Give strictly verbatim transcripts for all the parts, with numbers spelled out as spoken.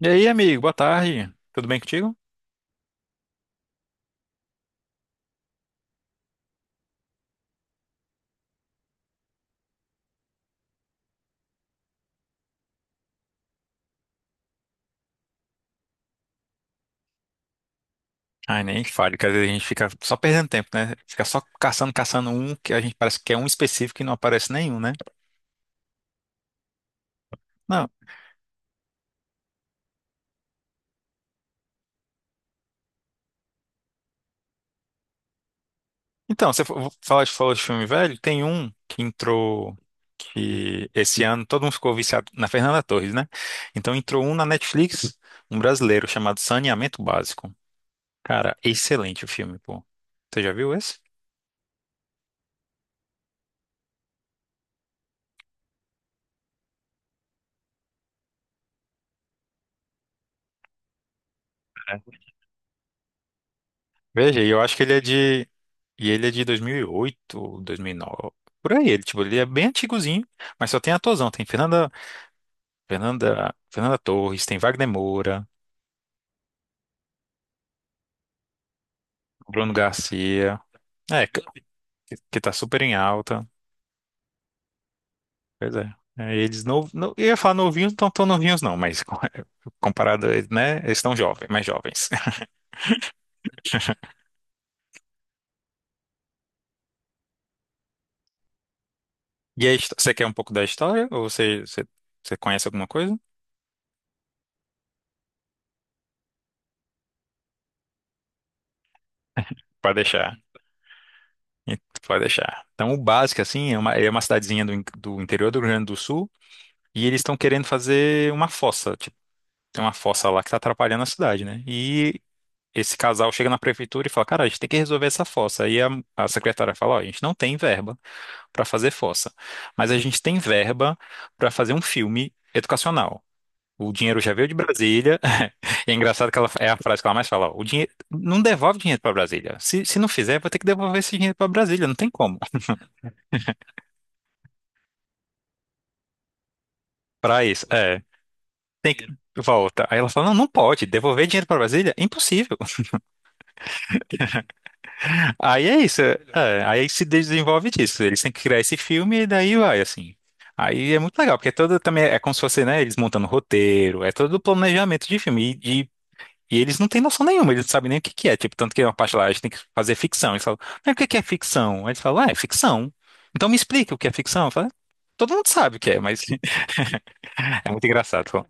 E aí, amigo, boa tarde. Tudo bem contigo? Ai, nem fale, que às vezes a gente fica só perdendo tempo, né? Fica só caçando, caçando um que a gente parece que é um específico e não aparece nenhum, né? Não. Então, você fa- falou de, falou de filme velho, tem um que entrou que esse ano todo mundo ficou viciado na Fernanda Torres, né? Então entrou um na Netflix, um brasileiro chamado Saneamento Básico. Cara, excelente o filme, pô. Você já viu esse? Veja, e eu acho que ele é de. E ele é de dois dois mil mil e oito, dois mil e nove por aí. Ele, tipo, ele é bem antigozinho, mas só tem atorzão. Tem Fernanda, Fernanda, Fernanda Torres, tem Wagner Moura, Bruno Garcia, é, que, que tá super em alta. Pois é. É, eles não, não, eu ia falar novinhos, não tão novinhos não, mas co- comparado a eles, né, eles estão jovens, mais jovens. E aí, você quer um pouco da história? Ou você, você, você conhece alguma coisa? Pra deixar. E tu Pode deixar. Então, o básico, assim, é uma, é uma cidadezinha do, in- do interior do Rio Grande do Sul e eles estão querendo fazer uma fossa. Tipo, tem uma fossa lá que está atrapalhando a cidade, né? E esse casal chega na prefeitura e fala: cara, a gente tem que resolver essa fossa. Aí a, a secretária fala: ó, a gente não tem verba para fazer fossa, mas a gente tem verba para fazer um filme educacional. O dinheiro já veio de Brasília. E é engraçado que ela, é a frase que ela mais fala: ó, o dinheiro, não devolve dinheiro para Brasília. Se, se não fizer, vai ter que devolver esse dinheiro para Brasília. Não tem como. Pra isso, é. Tem que... volta. Aí ela fala, não, não pode. Devolver dinheiro pra Brasília? Impossível. Aí é isso. é, é, aí se desenvolve disso. Eles têm que criar esse filme e daí vai, assim. Aí é muito legal, porque é todo também é como se fosse, né, eles montando roteiro, é todo o planejamento de filme. E, e- e eles não têm noção nenhuma, eles não sabem nem o que que é. Tipo, tanto que é uma parte lá, a gente tem que fazer ficção. Eles falam, mas o que que é ficção? Aí eles falam, ah, é ficção. Então me explica o que é ficção. Eu falo, "é, todo mundo sabe o que é, mas é muito engraçado.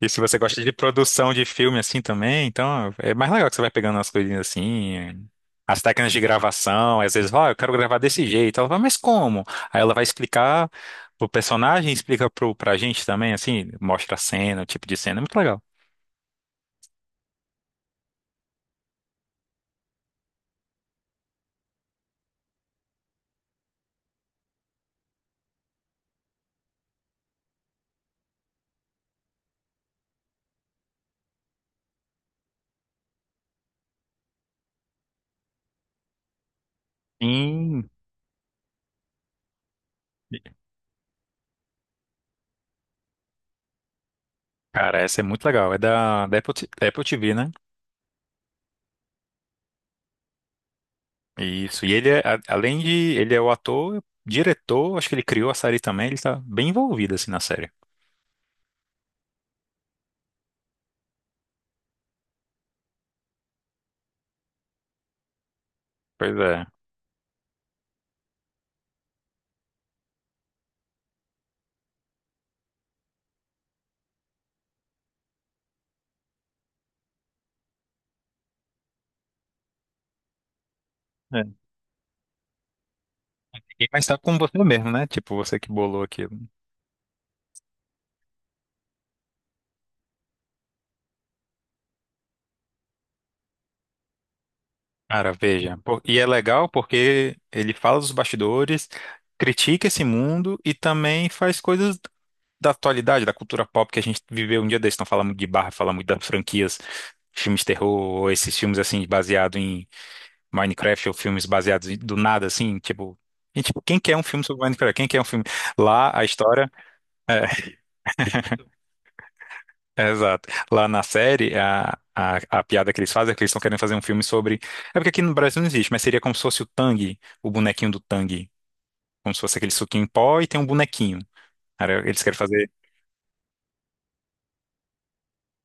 E se você gosta de produção de filme assim também, então é mais legal que você vai pegando as coisinhas assim, as técnicas de gravação, às vezes, ó, eu quero gravar desse jeito. Ela fala, mas como? Aí ela vai explicar pro personagem, explica pro, pra gente também, assim, mostra a cena, o tipo de cena, é muito legal. Sim, cara, essa é muito legal. É da, da Apple, T- da Apple T V, né? Isso. E ele é, a- além de, ele é o ator, diretor, acho que ele criou a série também, ele tá bem envolvido assim na série. Pois é. E- Mas tá com você mesmo, né? Tipo, você que bolou aquilo. Cara, veja. Pô, e é legal porque ele fala dos bastidores, critica esse mundo e também faz coisas da atualidade, da cultura pop que a gente viveu um dia desse. Não fala muito de barra, fala muito das franquias, filmes de terror, ou esses filmes assim, baseados em Minecraft, ou filmes baseados em- do nada, assim, tipo. E, tipo, quem quer um filme sobre Minecraft? Quem quer um filme? Lá, a história. é, É, Exato. Lá na série, a, a, a piada que eles fazem é que eles estão querendo fazer um filme sobre. É porque aqui no Brasil não existe, mas seria como se fosse o Tang, o bonequinho do Tang. Como se fosse aquele suquinho em pó e tem um bonequinho. Cara, eles querem fazer.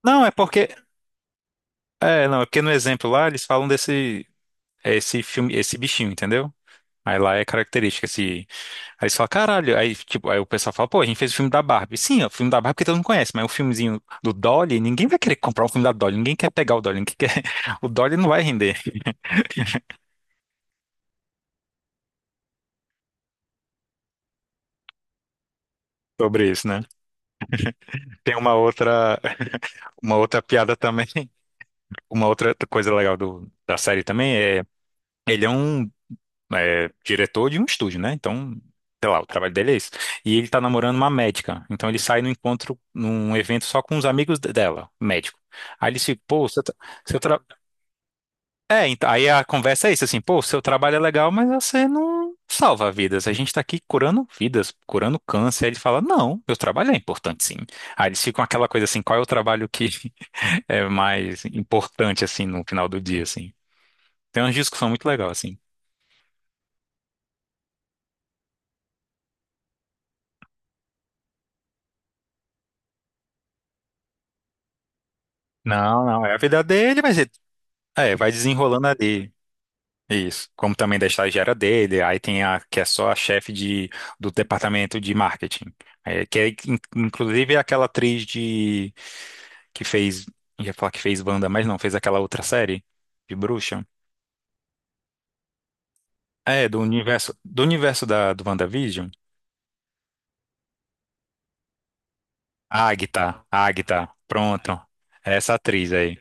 Não, é porque. É, não, é porque no exemplo lá eles falam desse. é Esse filme, esse bichinho, entendeu? Aí lá é característica, esse. Aí você fala, caralho. Aí, tipo, aí o pessoal fala, pô, a gente fez o filme da Barbie. Sim, é o filme da Barbie que todo mundo conhece, mas o filmezinho do Dolly, ninguém vai querer comprar o filme da Dolly, ninguém quer pegar o Dolly, ninguém quer... o Dolly não vai render. Sobre isso, né? Tem uma outra, uma outra piada também, uma outra coisa legal do, da série também é, ele é um é, diretor de um estúdio, né? Então, sei lá, o trabalho dele é isso. E ele tá namorando uma médica, então ele sai no encontro, num evento só com os amigos de- dela, médico. Aí ele se, pô, seu, tra- seu, tra- É, então, aí a conversa é isso, assim, pô, o seu trabalho é legal, mas você não salva vidas. A gente tá aqui curando vidas, curando câncer. Aí ele fala, não, meu trabalho é importante, sim. Aí eles ficam aquela coisa assim, qual é o trabalho que é mais importante, assim, no final do dia, assim. Tem uma discussão muito legal, assim. Não, não, é a vida dele, mas ele, é, vai desenrolando ali. Isso, como também da estagiária dele, aí tem a que é só a chefe de, do departamento de marketing, é, que é, in- inclusive é aquela atriz de que fez, ia falar que fez Wanda, mas não, fez aquela outra série de bruxa. É, do universo, do universo da, do WandaVision, a Agatha, a Agatha, pronto, é essa atriz aí.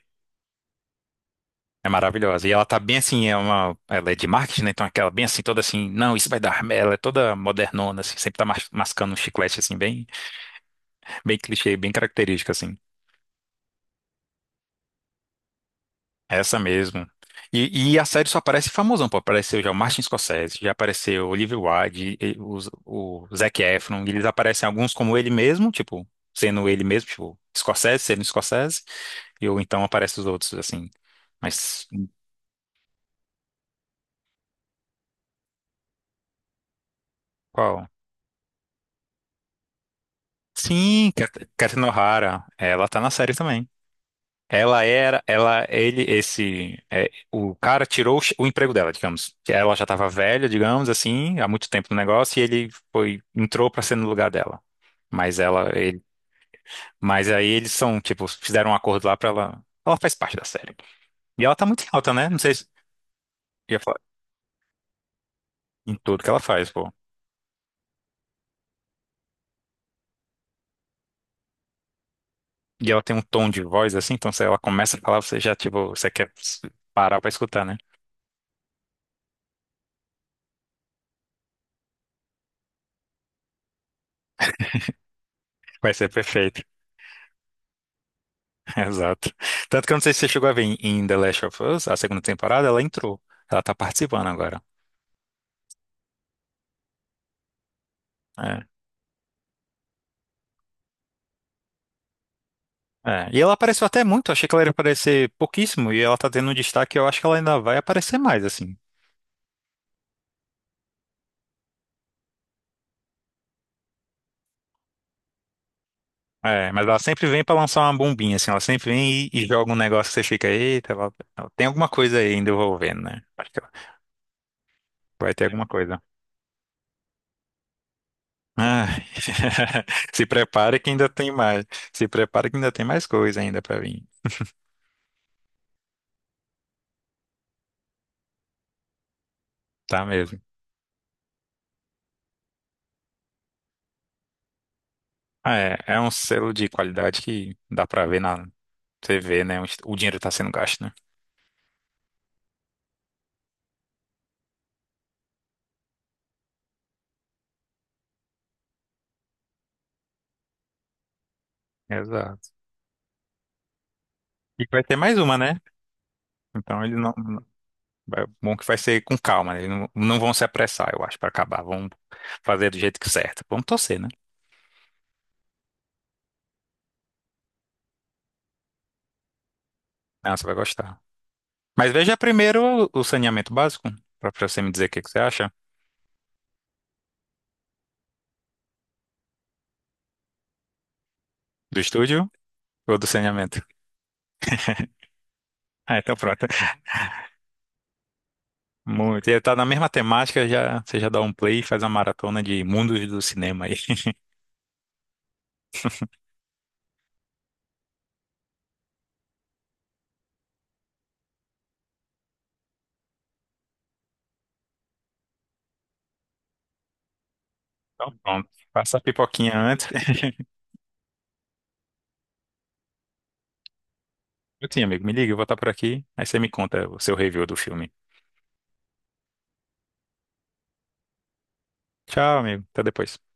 É maravilhosa. E ela tá bem assim, é uma, ela é de marketing, né? Então aquela bem assim, toda assim, não, isso vai dar. Ela é toda modernona, assim, sempre tá mas- mascando um chiclete assim, bem. Bem clichê, bem característica, assim. É essa mesmo. E, e a série só aparece famosão, pô. Apareceu já o Martin Scorsese, já apareceu o Olivia Wilde, e- o, o Zac Efron. Eles aparecem alguns como ele mesmo, tipo, sendo ele mesmo, tipo, Scorsese, sendo Scorsese. E ou então aparecem os outros, assim. Mas qual? Sim, Cat- Catherine O'Hara. Ela tá na série também. Ela era, ela, ele, esse, é, o cara tirou o, che- o emprego dela, digamos. Que ela já estava velha, digamos assim, há muito tempo no negócio e ele foi, entrou para ser no lugar dela. Mas ela, ele, mas aí eles são, tipo, fizeram um acordo lá para ela, ela faz parte da série. E ela tá muito em alta, né? Não sei se ia falar em tudo que ela faz, pô. E ela tem um tom de voz assim, então se ela começa a falar, você já, tipo, você quer parar para escutar, né? Vai ser perfeito. Exato. Tanto que eu não sei se você chegou a ver em em The Last of Us, a segunda temporada, ela entrou. Ela tá participando agora. É. É. E ela apareceu até muito, achei que ela ia aparecer pouquíssimo, e ela tá tendo um destaque, eu acho que ela ainda vai aparecer mais, assim. É, mas ela sempre vem pra lançar uma bombinha, assim, ela sempre vem e, e joga um negócio que você fica, eita, ela, ela tem alguma coisa aí ainda envolvendo, né? Acho que ela vai ter alguma coisa. Ah, se prepare que ainda tem mais. Se prepare que ainda tem mais coisa ainda pra vir. Tá mesmo. Ah, é, é um selo de qualidade que dá pra ver na T V, né? Onde o dinheiro tá sendo gasto, né? Exato. E vai ter mais uma, né? Então ele não. não- vai- Bom que vai ser com calma, né? Eles não, não vão se apressar, eu acho, pra acabar. Vão fazer do jeito que certo. Vamos torcer, né? Ah, você vai gostar. Mas veja primeiro o o saneamento básico, pra pra você me dizer o que que você acha. Do estúdio ou do saneamento? Ah, então pronto. Muito. E tá na mesma temática, já, você já dá um play e faz uma maratona de mundos do cinema aí. Então, pronto. Faça a pipoquinha antes. Eu tinha, amigo. Me liga, eu vou estar por aqui. Aí você me conta o seu review do filme. Tchau, amigo. Até depois.